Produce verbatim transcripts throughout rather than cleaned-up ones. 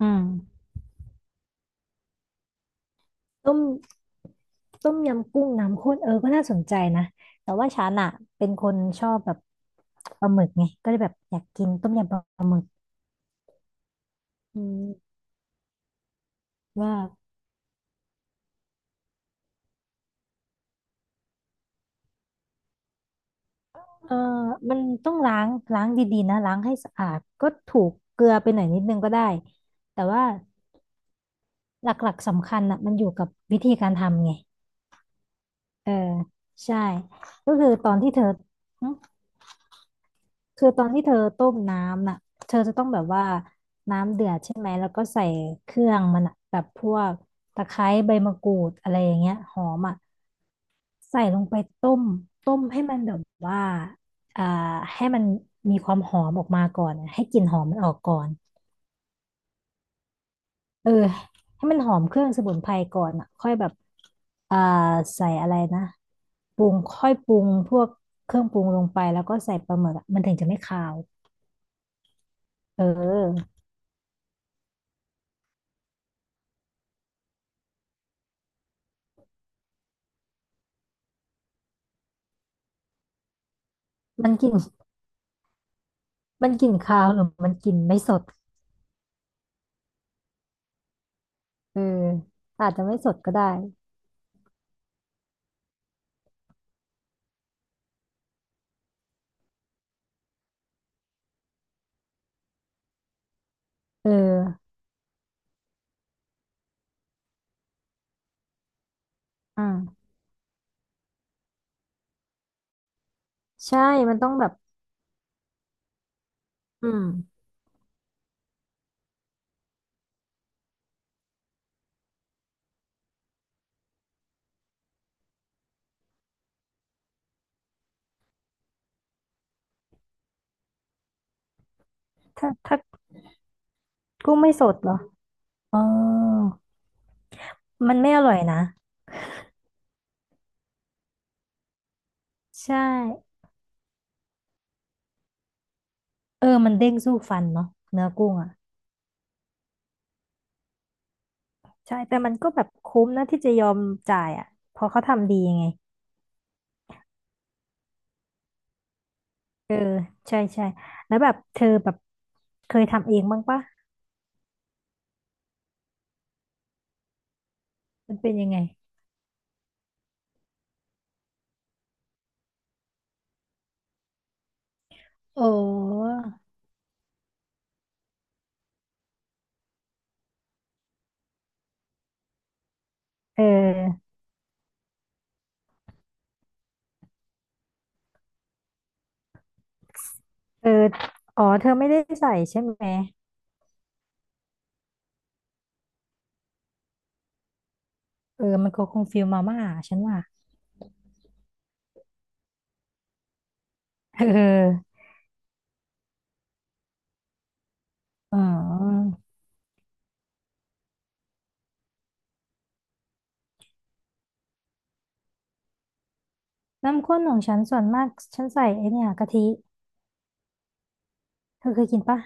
อืมต้มต้มยำกุ้งน้ำข้นเออก็น่าสนใจนะแต่ว่าฉันอะเป็นคนชอบแบบปลาหมึกไงก็เลยแบบอยากกินต้มยำปลาหมึกอืมว่าเออมันต้องล้างล้างดีๆนะล้างให้สะอาดก็ถูกเกลือไปหน่อยนิดนึงก็ได้แต่ว่าหลักๆสำคัญอะมันอยู่กับวิธีการทำไงเออใช่ก็คือตอนที่เธอ คือตอนที่เธอต้มน้ำน่ะเธอจะต้องแบบว่าน้ำเดือดใช่ไหมแล้วก็ใส่เครื่องมันอะแบบพวกตะไคร้ใบมะกรูดอะไรอย่างเงี้ยหอมอ่ะใส่ลงไปต้มต้มให้มันแบบว่าอ่าให้มันมีความหอมออกมาก่อนอะให้กลิ่นหอมมันออกก่อนเออให้มันหอมเครื่องสมุนไพรก่อนอ่ะค่อยแบบอ่าใส่อะไรนะปรุงค่อยปรุงพวกเครื่องปรุงลงไปแล้วก็ใส่ปลาหมึกอะมันถึงจะไม่คาวเออมันกลิ่น มันกลิ่นคาวหรือมันกลิ่นไม่สดเอออาจจะไม่สดก็ได้เอออืมใช่มันต้องแบบอืมถ้าถ้ากุ้งไม่สดเหรออ๋อมันไม่อร่อยนะใช่เออมันเด้งสู้ฟันเนาะเนื้อกุ้งอ่ะใช่แต่มันก็แบบคุ้มนะที่จะยอมจ่ายอ่ะเพอเขาทำดีไงเออใช่ใช่แล้วแบบเธอแบบเคยทำเองบ้างปะมันเป็นยังไงโอ้เออเอออ๋อ เธอไม่ได้ใส่ใช่ไหม เออมันก็คงฟิลมาม่าฉันว่า เอออ๋อน้ำข้นของฉันส่วนมากฉันใส่ไอเนี่ยกะทิเธอเคยกินปะ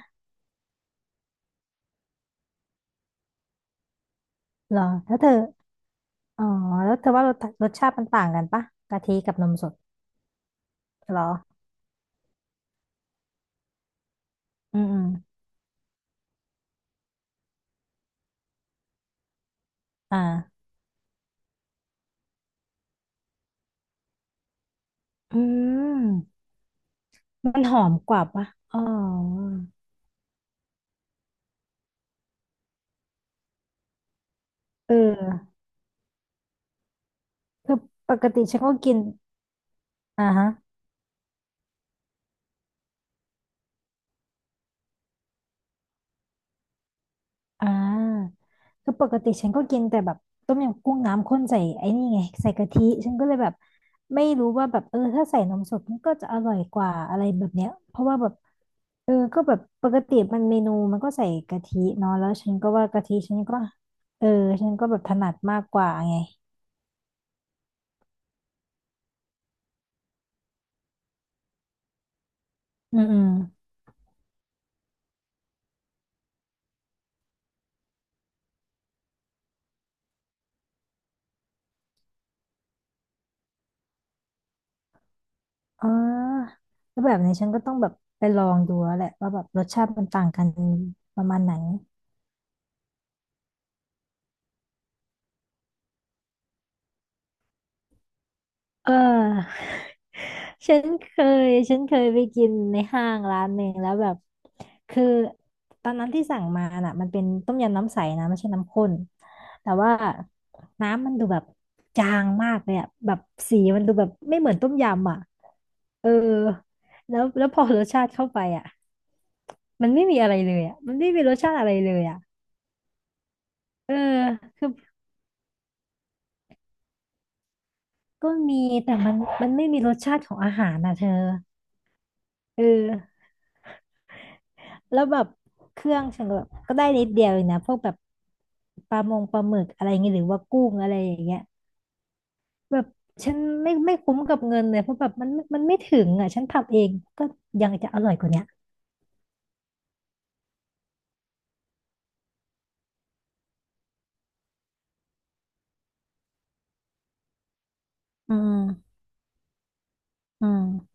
หรอแล้วเธออ๋อแล้วเธอว่ารสรสชาติมันต่างกันปะกะทิกับนมสดหรออืมอืมอ่าอืมมันหอมกว่าปะอ๋อเออคือปกติฉันก็กินอ่าฮะ อ่าคือปกติฉันก็กินแต่แบบต้มยำกุ้งน้ำข้นใส่ไอ้นี่ไงใส่กะทิฉันก็เลยแบบไม่รู้ว่าแบบเออถ้าใส่นมสดมันก็จะอร่อยกว่าอะไรแบบเนี้ยเพราะว่าแบบเออก็แบบปกติมันเมนูมันก็ใส่กะทิเนาะแล้วฉันก็ว่ากะทิฉันก็เออฉันก็แบบถนัดมากกว่าไงอืมอืมอ๋อแล้วแบบนี้ฉันก็ต้องแบบไปลองดูแล้วแหละว่าแบบรสชาติมันต่างกันประมาณไหน เออฉันเคยฉันเคยไปกินในห้างร้านหนึ่งแล้วแบบคือตอนนั้นที่สั่งมาน่ะมันเป็นต้มยำน้ำใสนะไม่ใช่น้ำข้นแต่ว่าน้ำมันดูแบบจางมากเลยอะแบบสีมันดูแบบไม่เหมือนต้มยำอ่ะเออแล้วแล้วพอรสชาติเข้าไปอ่ะมันไม่มีอะไรเลยอ่ะมันไม่มีรสชาติอะไรเลยอ่ะเออคือก็มีแต่มันมันไม่มีรสชาติของอาหารนะเธอเออ แล้วแบบเครื่องฉันก็แบบก็ได้นิดเดียวเองนะพวกแบบปลามงปลาหมึกอะไรเงี้ยหรือว่ากุ้งอะไรอย่างเงี้ยแบบฉันไม่ไม่คุ้มกับเงินเลยเพราะแบบมันมันไม่ถึงอ่ะฉันทำเองก็ยังจะอร่อยกว่าเนี้ยอืมอืม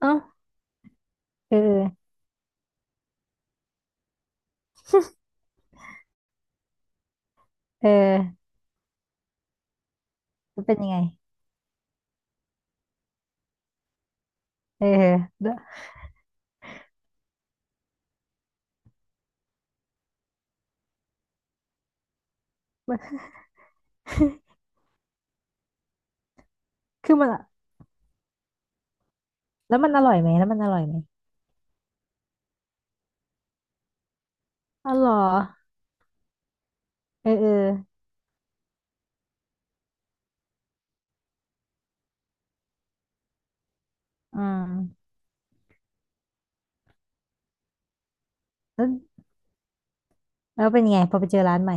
เอ้าเออเออมันเป็นยังไงเออแล้วมันคือมันอะแล้วมันอร่อยไหมแล้วมันอร่อยไหมอ๋อเหรอเออเอออืมแล้วแล้วเป็นยังไงพอไปเจอร้านใหม่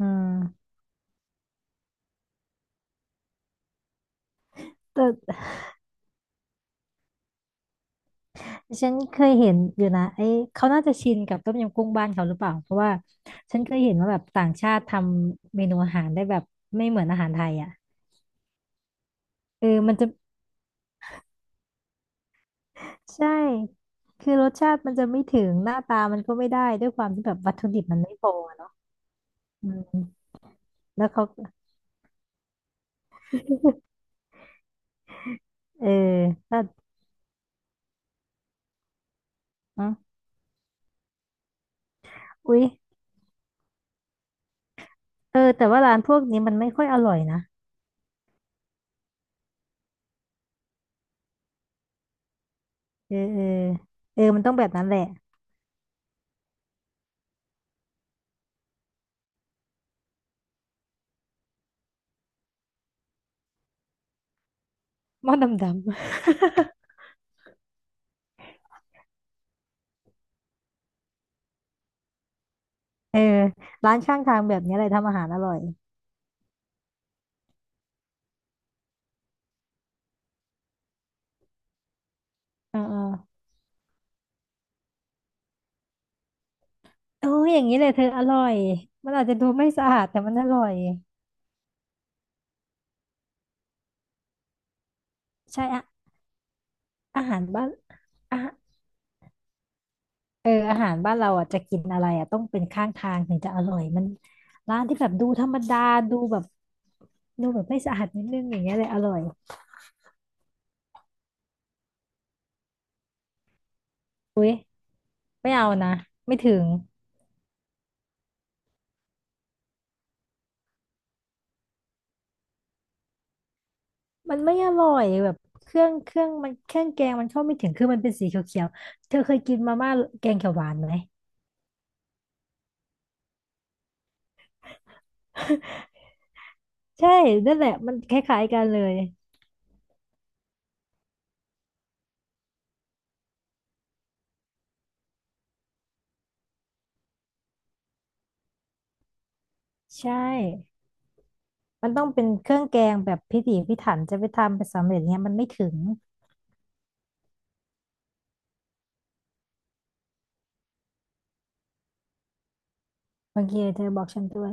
อืมแต่ ฉันเคยเห็นอยู่นะไอ้เขาน่าจะชินกับต้มยำกุ้งบ้านเขาหรือเปล่าเพราะว่าฉันเคยเห็นว่าแบบต่างชาติทำเมนูอาหารได้แบบไม่เหมือนอาหารไทยอ่ะเออมันจะใช่คือรสชาติมันจะไม่ถึงหน้าตามันก็ไม่ได้ด้วยความที่แบบวัตถุดิบมันไม่พออะเนาะอืมแล้วเขาเออก็อ๋ออุ๊ยเออแต่ว่าร้านพวกนี้มันไม่ค่อยอร่อยนะเออเออเออมันต้องแบบนั้นแหละหม้อดำๆ เออร้านข้างทางแบบนี้อะไรทำอาหารอร่อยเออ โอ้ยอย่างนี้เลยเธออร่อยมันอาจจะดูไม่สะอาดแต่มันอร่อยใช่อะอาหารบ้านอาหารเอออาหารบ้านเราอ่ะจะกินอะไรอ่ะต้องเป็นข้างทางถึงจะอร่อยมันร้านที่แบบดูธรรมดาดูแบบดูแบบไม่สะอาดนิดนึงอย่างเงี้ยเลยอร่อยไม่เอานะไม่ถึงมันไม่อร่อยแบบเครื่องเครื่องมันเครื่องแกงมันเข้าไม่ถึงคือมันเป็นสีเขียวๆเธอเคยกินมาม่าแกงเขียวหวานไหมใช่นั่นแหละมันคล้ายๆกันเลยใช่ มันต้องเป็นเครื่องแกงแบบพิถีพิถันจะไปทำไปสำเร็จเนี้ยมันไม่ถึงบางทีเธอบอกฉันด้วย